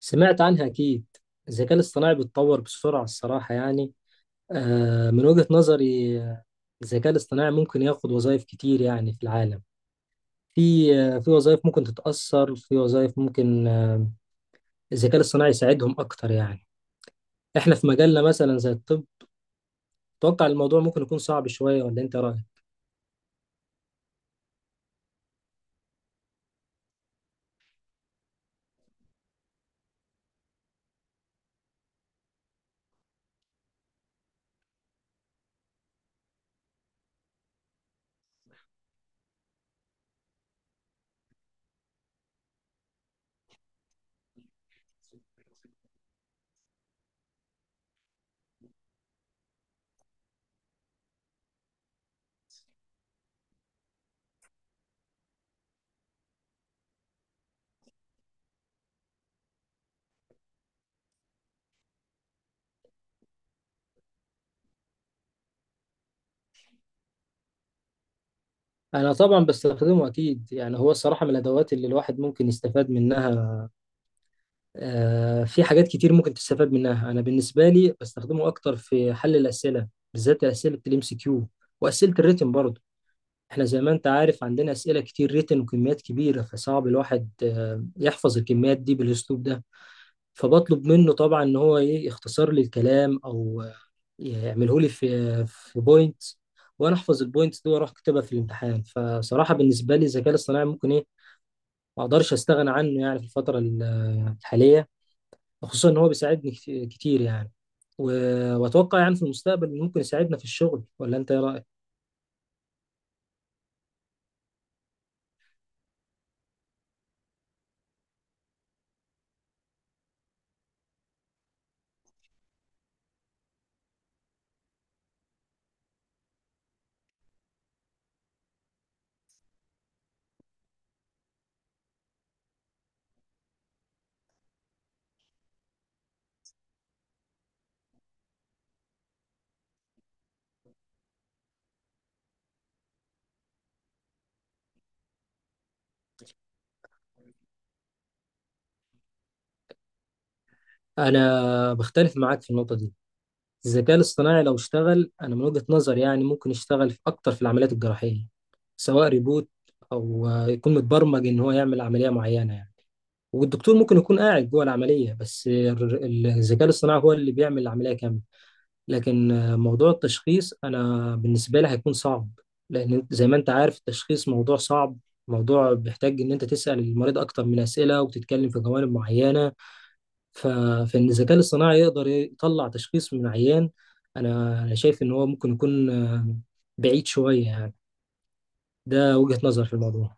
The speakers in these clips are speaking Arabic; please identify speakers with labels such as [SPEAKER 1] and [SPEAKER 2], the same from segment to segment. [SPEAKER 1] سمعت عنها أكيد. الذكاء الاصطناعي بيتطور بسرعة الصراحة يعني. من وجهة نظري، الذكاء الاصطناعي ممكن ياخد وظائف كتير يعني في العالم. في في وظائف ممكن تتأثر، في وظائف ممكن الذكاء الاصطناعي يساعدهم أكتر يعني. إحنا في مجالنا مثلا زي الطب أتوقع الموضوع ممكن يكون صعب شوية، ولا أنت رأيك؟ أنا طبعا بستخدمه أكيد يعني. هو الصراحة من الأدوات اللي الواحد ممكن يستفاد منها. في حاجات كتير ممكن تستفاد منها. انا بالنسبه لي بستخدمه اكتر في حل الاسئله، بالذات اسئله الام سي كيو واسئله الريتن برضه. احنا زي ما انت عارف عندنا اسئله كتير ريتن وكميات كبيره، فصعب الواحد يحفظ الكميات دي بالاسلوب ده. فبطلب منه طبعا ان هو ايه، يختصر لي الكلام او يعمله لي في في بوينت، وانا احفظ البوينتس دي واروح اكتبها في الامتحان. فصراحه بالنسبه لي الذكاء الاصطناعي ممكن ايه، ما اقدرش استغنى عنه يعني في الحاليه. خصوصا ان هو بيساعدني كتير يعني. و- واتوقع يعني في المستقبل ممكن يساعدنا في الشغل، ولا انت ايه رايك؟ انا بختلف معاك في النقطه دي. الذكاء الاصطناعي لو اشتغل انا من وجهه نظري يعني ممكن يشتغل في اكتر، في العمليات الجراحيه، سواء ريبوت او يكون متبرمج ان هو يعمل عمليه معينه يعني. والدكتور ممكن يكون قاعد جوه العمليه، بس الذكاء الاصطناعي هو اللي بيعمل العمليه كامله. لكن موضوع التشخيص أنا بالنسبة لي هيكون صعب. زي ما أنت عارف التشخيص موضوع صعب، موضوع بيحتاج إن أنت تسأل المريض أكتر من أسئلة وتتكلم في جوانب معينة. ف... فإن الذكاء الاصطناعي يقدر يطلع تشخيص من عيان، أنا شايف إن هو ممكن يكون بعيد شوية يعني. ده وجهة نظر في الموضوع.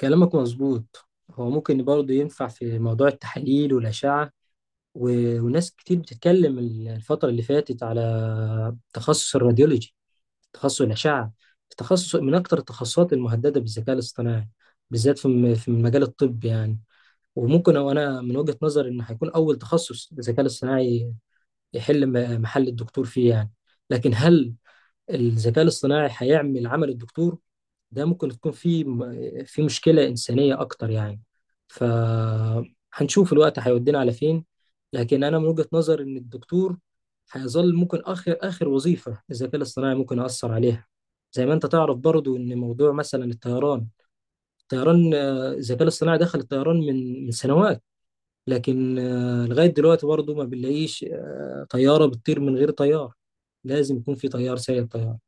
[SPEAKER 1] كلامك مظبوط، هو ممكن برضه ينفع في موضوع التحاليل والأشعة. و... وناس كتير بتتكلم الفترة اللي فاتت على تخصص الراديولوجي، تخصص الأشعة، تخصص من أكتر التخصصات المهددة بالذكاء الاصطناعي، بالذات في في المجال الطبي يعني. وممكن، أو أنا من وجهة نظري إنه هيكون أول تخصص الذكاء الاصطناعي يحل محل الدكتور فيه يعني. لكن هل الذكاء الاصطناعي هيعمل عمل الدكتور؟ ده ممكن تكون في في مشكلة إنسانية أكتر يعني. فهنشوف الوقت هيودينا على فين. لكن أنا من وجهة نظر إن الدكتور هيظل ممكن آخر آخر وظيفة الذكاء الاصطناعي ممكن يأثر عليها. زي ما أنت تعرف برضو إن موضوع مثلا الطيران، الطيران، الذكاء الاصطناعي دخل الطيران من سنوات. لكن لغاية دلوقتي برضو ما بنلاقيش طيارة بتطير من غير طيار، لازم يكون في طيار سايق الطيارة.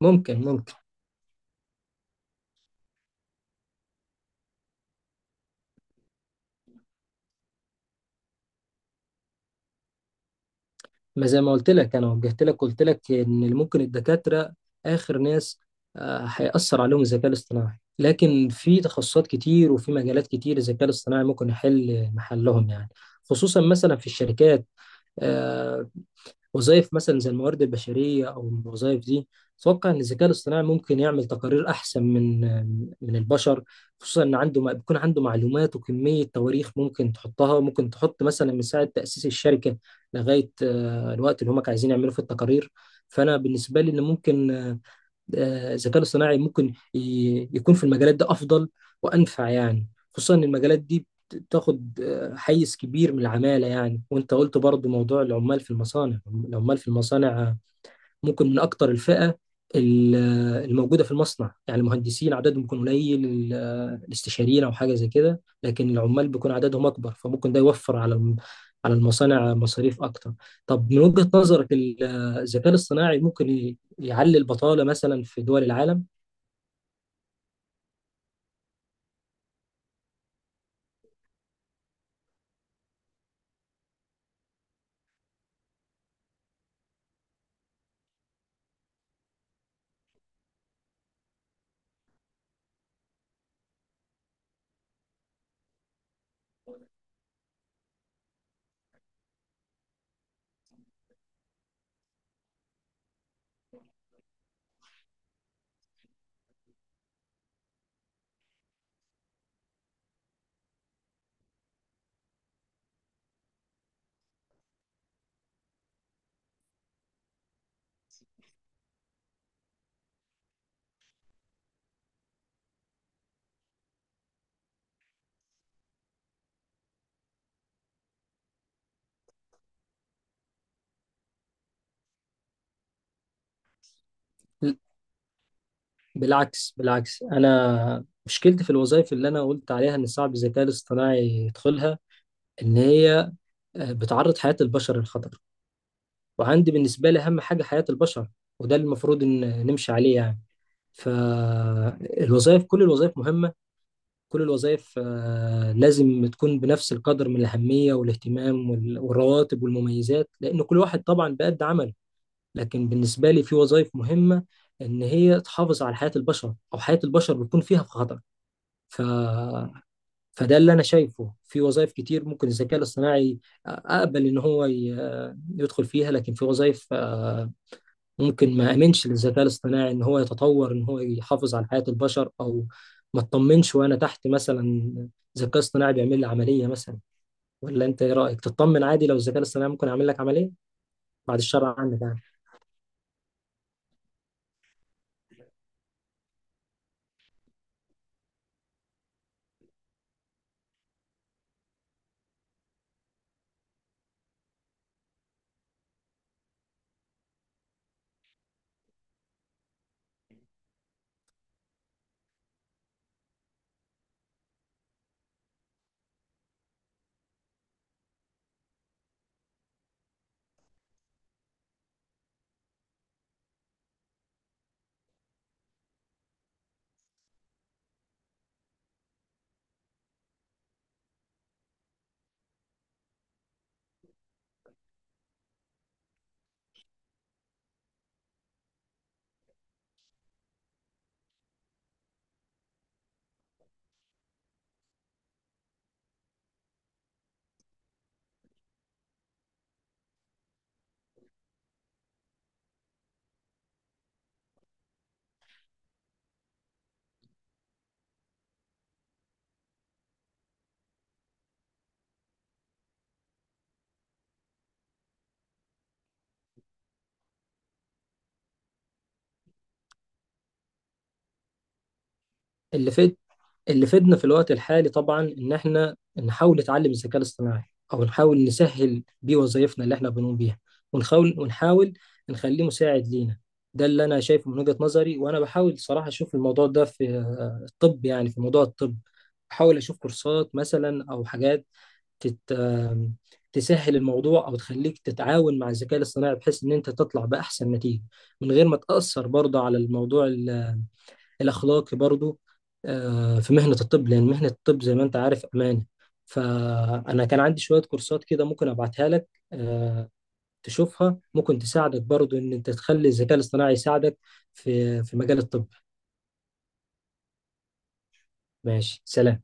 [SPEAKER 1] ممكن ممكن. ما زي ما قلت لك انا، وجهت لك قلت لك ان ممكن الدكاتره اخر ناس هيأثر عليهم الذكاء الاصطناعي. لكن في تخصصات كتير وفي مجالات كتير الذكاء الاصطناعي ممكن يحل محلهم يعني. خصوصا مثلا في الشركات، آه، وظائف مثلا زي الموارد البشرية أو الوظائف دي أتوقع إن الذكاء الاصطناعي ممكن يعمل تقارير أحسن من البشر. خصوصا إن عنده، بيكون عنده معلومات وكمية تواريخ ممكن تحطها، ممكن تحط مثلا من ساعة تأسيس الشركة لغاية الوقت اللي هم عايزين يعملوا في التقارير. فأنا بالنسبة لي إن ممكن الذكاء الاصطناعي ممكن يكون في المجالات دي افضل وانفع يعني. خصوصا ان المجالات دي بتاخد حيز كبير من العمالة يعني. وانت قلت برضو موضوع العمال في المصانع. العمال في المصانع ممكن من اكتر الفئه ال- الموجوده في المصنع يعني. المهندسين عددهم بيكون قليل، الاستشاريين او حاجه زي كده، لكن العمال بيكون عددهم اكبر. فممكن ده يوفر على على المصانع مصاريف اكتر. طب من وجهه نظرك الذكاء الاصطناعي ممكن يعلي البطاله مثلا في دول العالم؟ بالعكس، بالعكس، انا مشكلتي في الوظائف اللي انا قلت عليها ان صعب الذكاء الاصطناعي يدخلها ان هي بتعرض حياة البشر للخطر. وعندي بالنسبة لي أهم حاجة حياة البشر، وده اللي المفروض إن نمشي عليه يعني. فالوظائف، كل الوظائف مهمة، كل الوظائف لازم تكون بنفس القدر من الأهمية والاهتمام والرواتب والمميزات، لأن كل واحد طبعا بقد عمله. لكن بالنسبة لي في وظائف مهمة إن هي تحافظ على حياة البشر، أو حياة البشر بيكون فيها في خطر. ف... فده اللي أنا شايفه. في وظائف كتير ممكن الذكاء الاصطناعي أقبل إن هو يدخل فيها، لكن في وظائف ممكن ما امنش للذكاء الاصطناعي ان هو يتطور ان هو يحافظ على حياة البشر. او ما اطمنش وانا تحت مثلا ذكاء اصطناعي بيعمل لي عملية مثلا. ولا انت ايه رأيك، تطمن عادي لو الذكاء الاصطناعي ممكن يعمل لك عملية؟ بعد الشر عنك يعني. اللي فيد اللي فيدنا في الوقت الحالي طبعا ان احنا نحاول نتعلم الذكاء الاصطناعي، او نحاول نسهل بيه وظائفنا اللي احنا بنقوم بيها، ونحاول نخليه مساعد لينا. ده اللي انا شايفه من وجهة نظري. وانا بحاول صراحة اشوف الموضوع ده في الطب يعني، في موضوع الطب احاول اشوف كورسات مثلا او حاجات تت... آم، تسهل الموضوع او تخليك تتعاون مع الذكاء الاصطناعي، بحيث ان انت تطلع باحسن نتيجه من غير ما تاثر برضه على الموضوع الاخلاقي برضه. في مهنه الطب، لان مهنه الطب زي ما انت عارف امانه. فانا كان عندي شويه كورسات كده ممكن ابعتها لك، تشوفها ممكن تساعدك برضه ان انت تخلي الذكاء الاصطناعي يساعدك في في مجال الطب. ماشي، سلام.